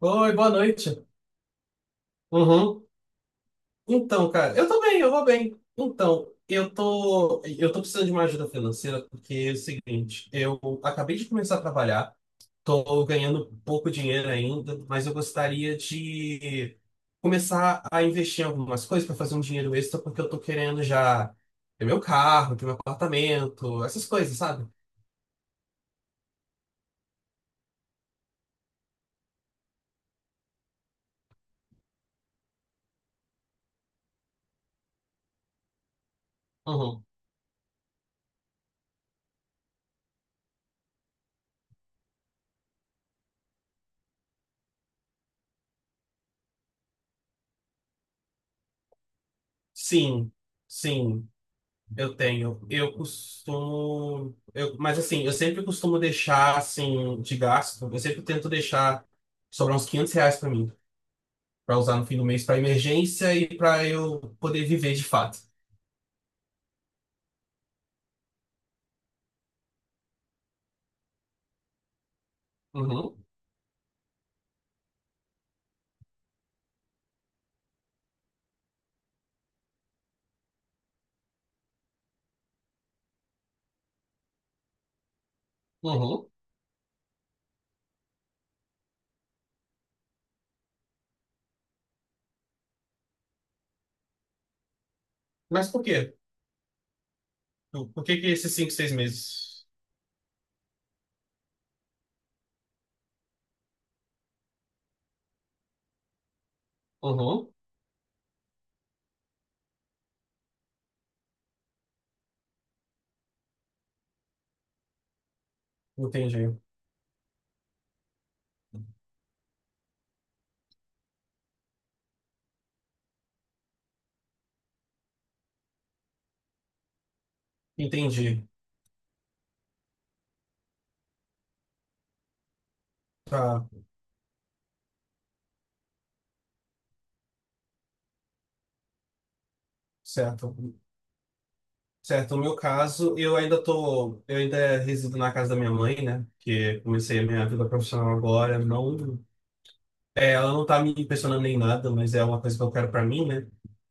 Oi, boa noite. Uhum. Então, cara, eu tô bem, eu vou bem. Então, eu tô precisando de uma ajuda financeira porque é o seguinte, eu acabei de começar a trabalhar, tô ganhando pouco dinheiro ainda, mas eu gostaria de começar a investir em algumas coisas para fazer um dinheiro extra porque eu tô querendo já ter meu carro, ter meu apartamento, essas coisas, sabe? Uhum. Sim, sim. Eu tenho. Eu costumo. Mas assim, eu sempre costumo deixar assim de gasto. Eu sempre tento deixar sobrar uns R$ 500 pra mim, pra usar no fim do mês pra emergência e pra eu poder viver de fato. Uhum, uhum. Mas por quê? Por que que esses cinco seis meses? Uhum. Entendi. Entendi. Tá, certo. Certo, no meu caso, eu ainda resido na casa da minha mãe, né? Que comecei a minha vida profissional agora, não. É, ela não tá me impressionando nem nada, mas é uma coisa que eu quero pra mim, né?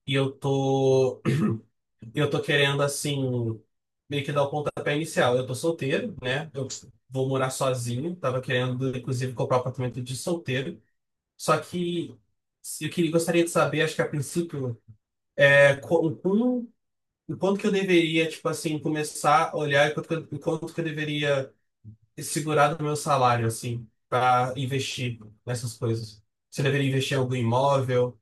E eu tô, eu tô querendo, assim, meio que dar o pontapé inicial. Eu tô solteiro, né? Eu vou morar sozinho. Tava querendo, inclusive, comprar um apartamento de solteiro. Só que eu gostaria de saber, acho que a princípio, é, co- o como, o quanto que eu deveria, tipo assim, começar a olhar e o quanto que eu deveria segurar do meu salário, assim, pra investir nessas coisas. Se eu deveria investir em algum imóvel.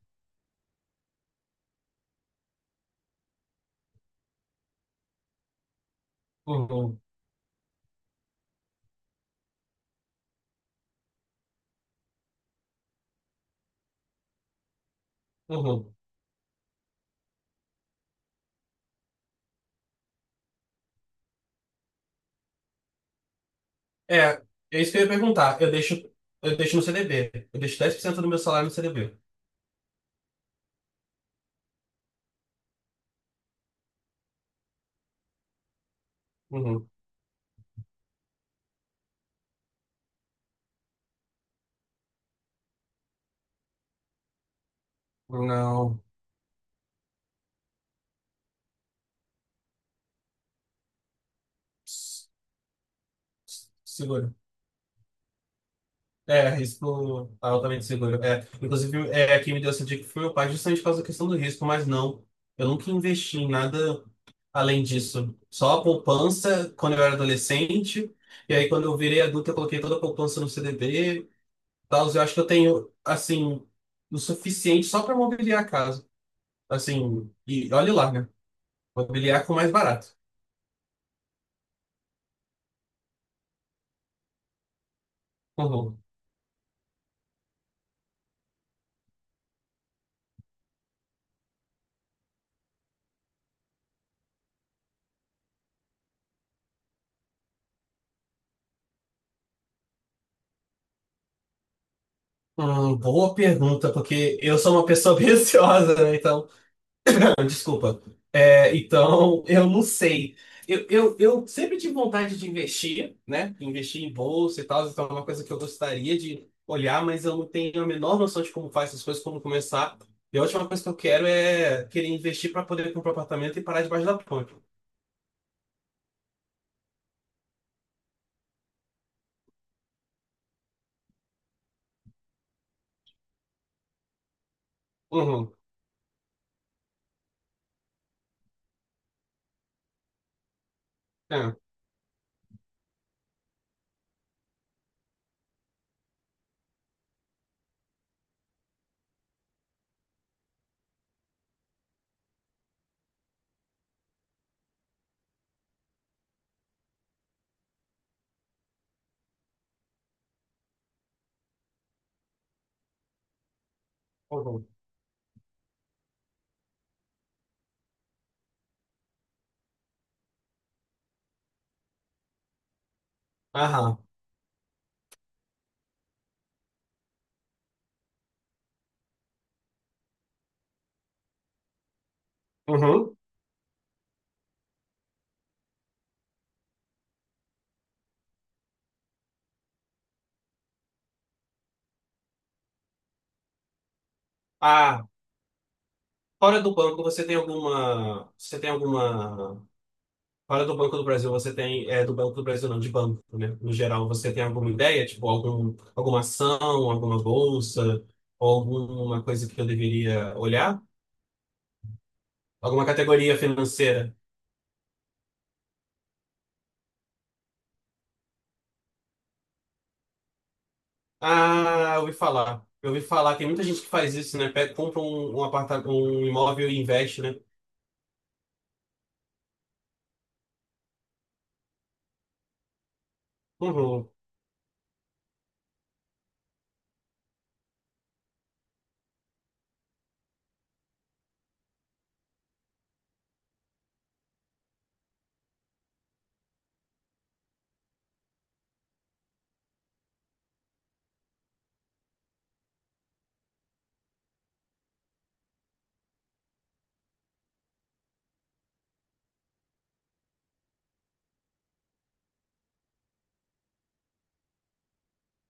Uhum, uhum. É, é isso que eu ia perguntar. Eu deixo no CDB. Eu deixo 10% do meu salário no CDB. Uhum. Não. S- Seguro. É, risco altamente seguro. É, inclusive, quem me deu essa dica foi meu pai, justamente por causa da questão do risco, mas não. Eu nunca investi em nada além disso. Só a poupança quando eu era adolescente. E aí, quando eu virei adulto, eu coloquei toda a poupança no CDB e tal, eu acho que eu tenho, assim, o suficiente só para mobiliar a casa. Assim, e olhe lá, né? Vou com o mais barato. Uhum. Boa pergunta, porque eu sou uma pessoa bem ansiosa, né? Então, desculpa. É, então, eu não sei. Eu sempre tive vontade de investir, né? Investir em bolsa e tal, então é uma coisa que eu gostaria de olhar, mas eu não tenho a menor noção de como faz essas coisas, como começar. E a última coisa que eu quero é querer investir para poder comprar um apartamento e parar debaixo da ponte. Uhum. É. Uhum. Aham. Uhum. Ah, fora do banco, você tem alguma. Você tem alguma. Fora do Banco do Brasil, você tem. É, do Banco do Brasil, não, de banco, né? No geral, você tem alguma ideia? Tipo, alguma ação, alguma bolsa, ou alguma coisa que eu deveria olhar? Alguma categoria financeira? Ah, eu ouvi falar. Eu ouvi falar, tem muita gente que faz isso, né? Pega, compra um imóvel e investe, né? Uhum.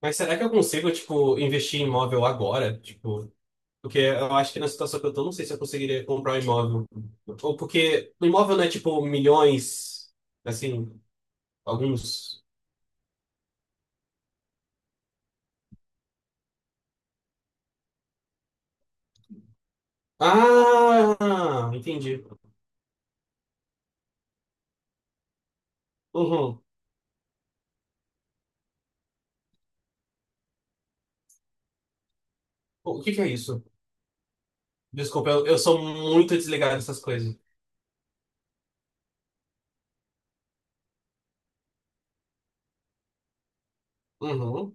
Mas será que eu consigo, tipo, investir em imóvel agora? Tipo. Porque eu acho que na situação que eu tô, não sei se eu conseguiria comprar um imóvel. Ou porque o imóvel não é tipo milhões, assim, alguns. Ah, entendi. Uhum. O que que é isso? Desculpa, eu sou muito desligado dessas coisas. Uhum.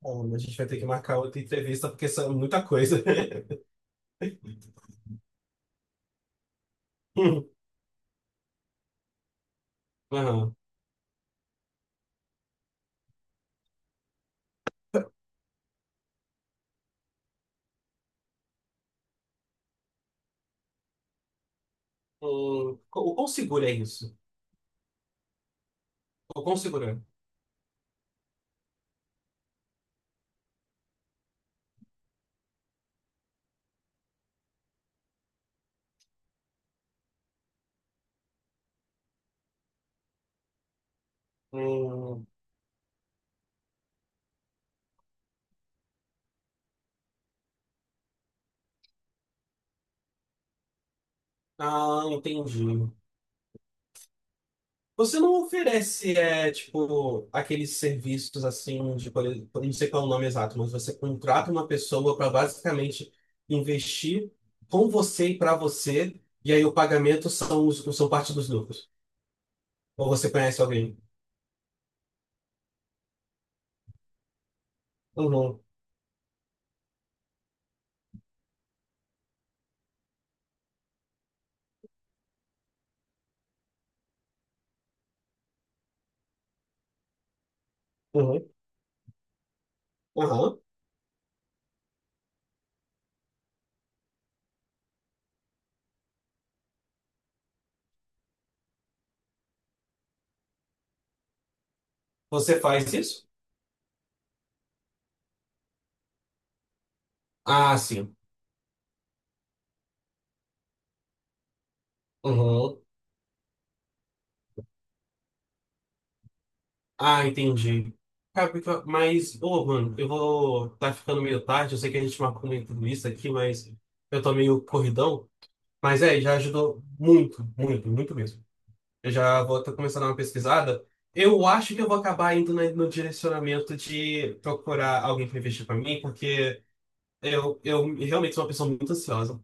Bom, a gente vai ter que marcar outra entrevista porque são muita coisa. Uhum. Uhum. O quão seguro é isso? O quão seguro é? Hum. Ah, entendi. Você não oferece, tipo, aqueles serviços assim, de, por exemplo, não sei qual é o nome exato, mas você contrata uma pessoa para basicamente investir com você e para você, e aí o pagamento são parte dos lucros. Ou você conhece alguém? Uhum, uhum, uhum. Você faz isso? Ah, sim. Uhum. Ah, entendi. Cara, mas, ô, mano, eu vou. Tá ficando meio tarde, eu sei que a gente marcou meio tudo isso aqui, mas eu tô meio corridão. Mas é, já ajudou muito, muito, muito mesmo. Eu já vou estar começando a dar uma pesquisada. Eu acho que eu vou acabar indo no direcionamento de procurar alguém para investir para mim, porque eu realmente sou uma pessoa muito ansiosa,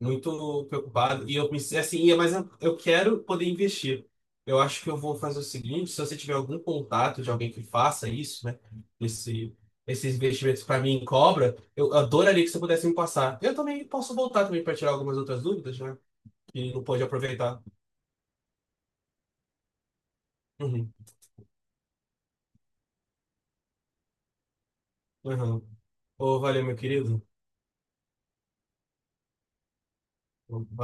muito preocupada, e eu me assim, mas eu quero poder investir. Eu acho que eu vou fazer o seguinte, se você tiver algum contato de alguém que faça isso, né, esse, esses investimentos para mim em cobra, eu adoraria que você pudesse me passar. Eu também posso voltar também para tirar algumas outras dúvidas, né? E não pode aproveitar. Uhum. Uhum. Ô, valeu, meu querido. Valeu.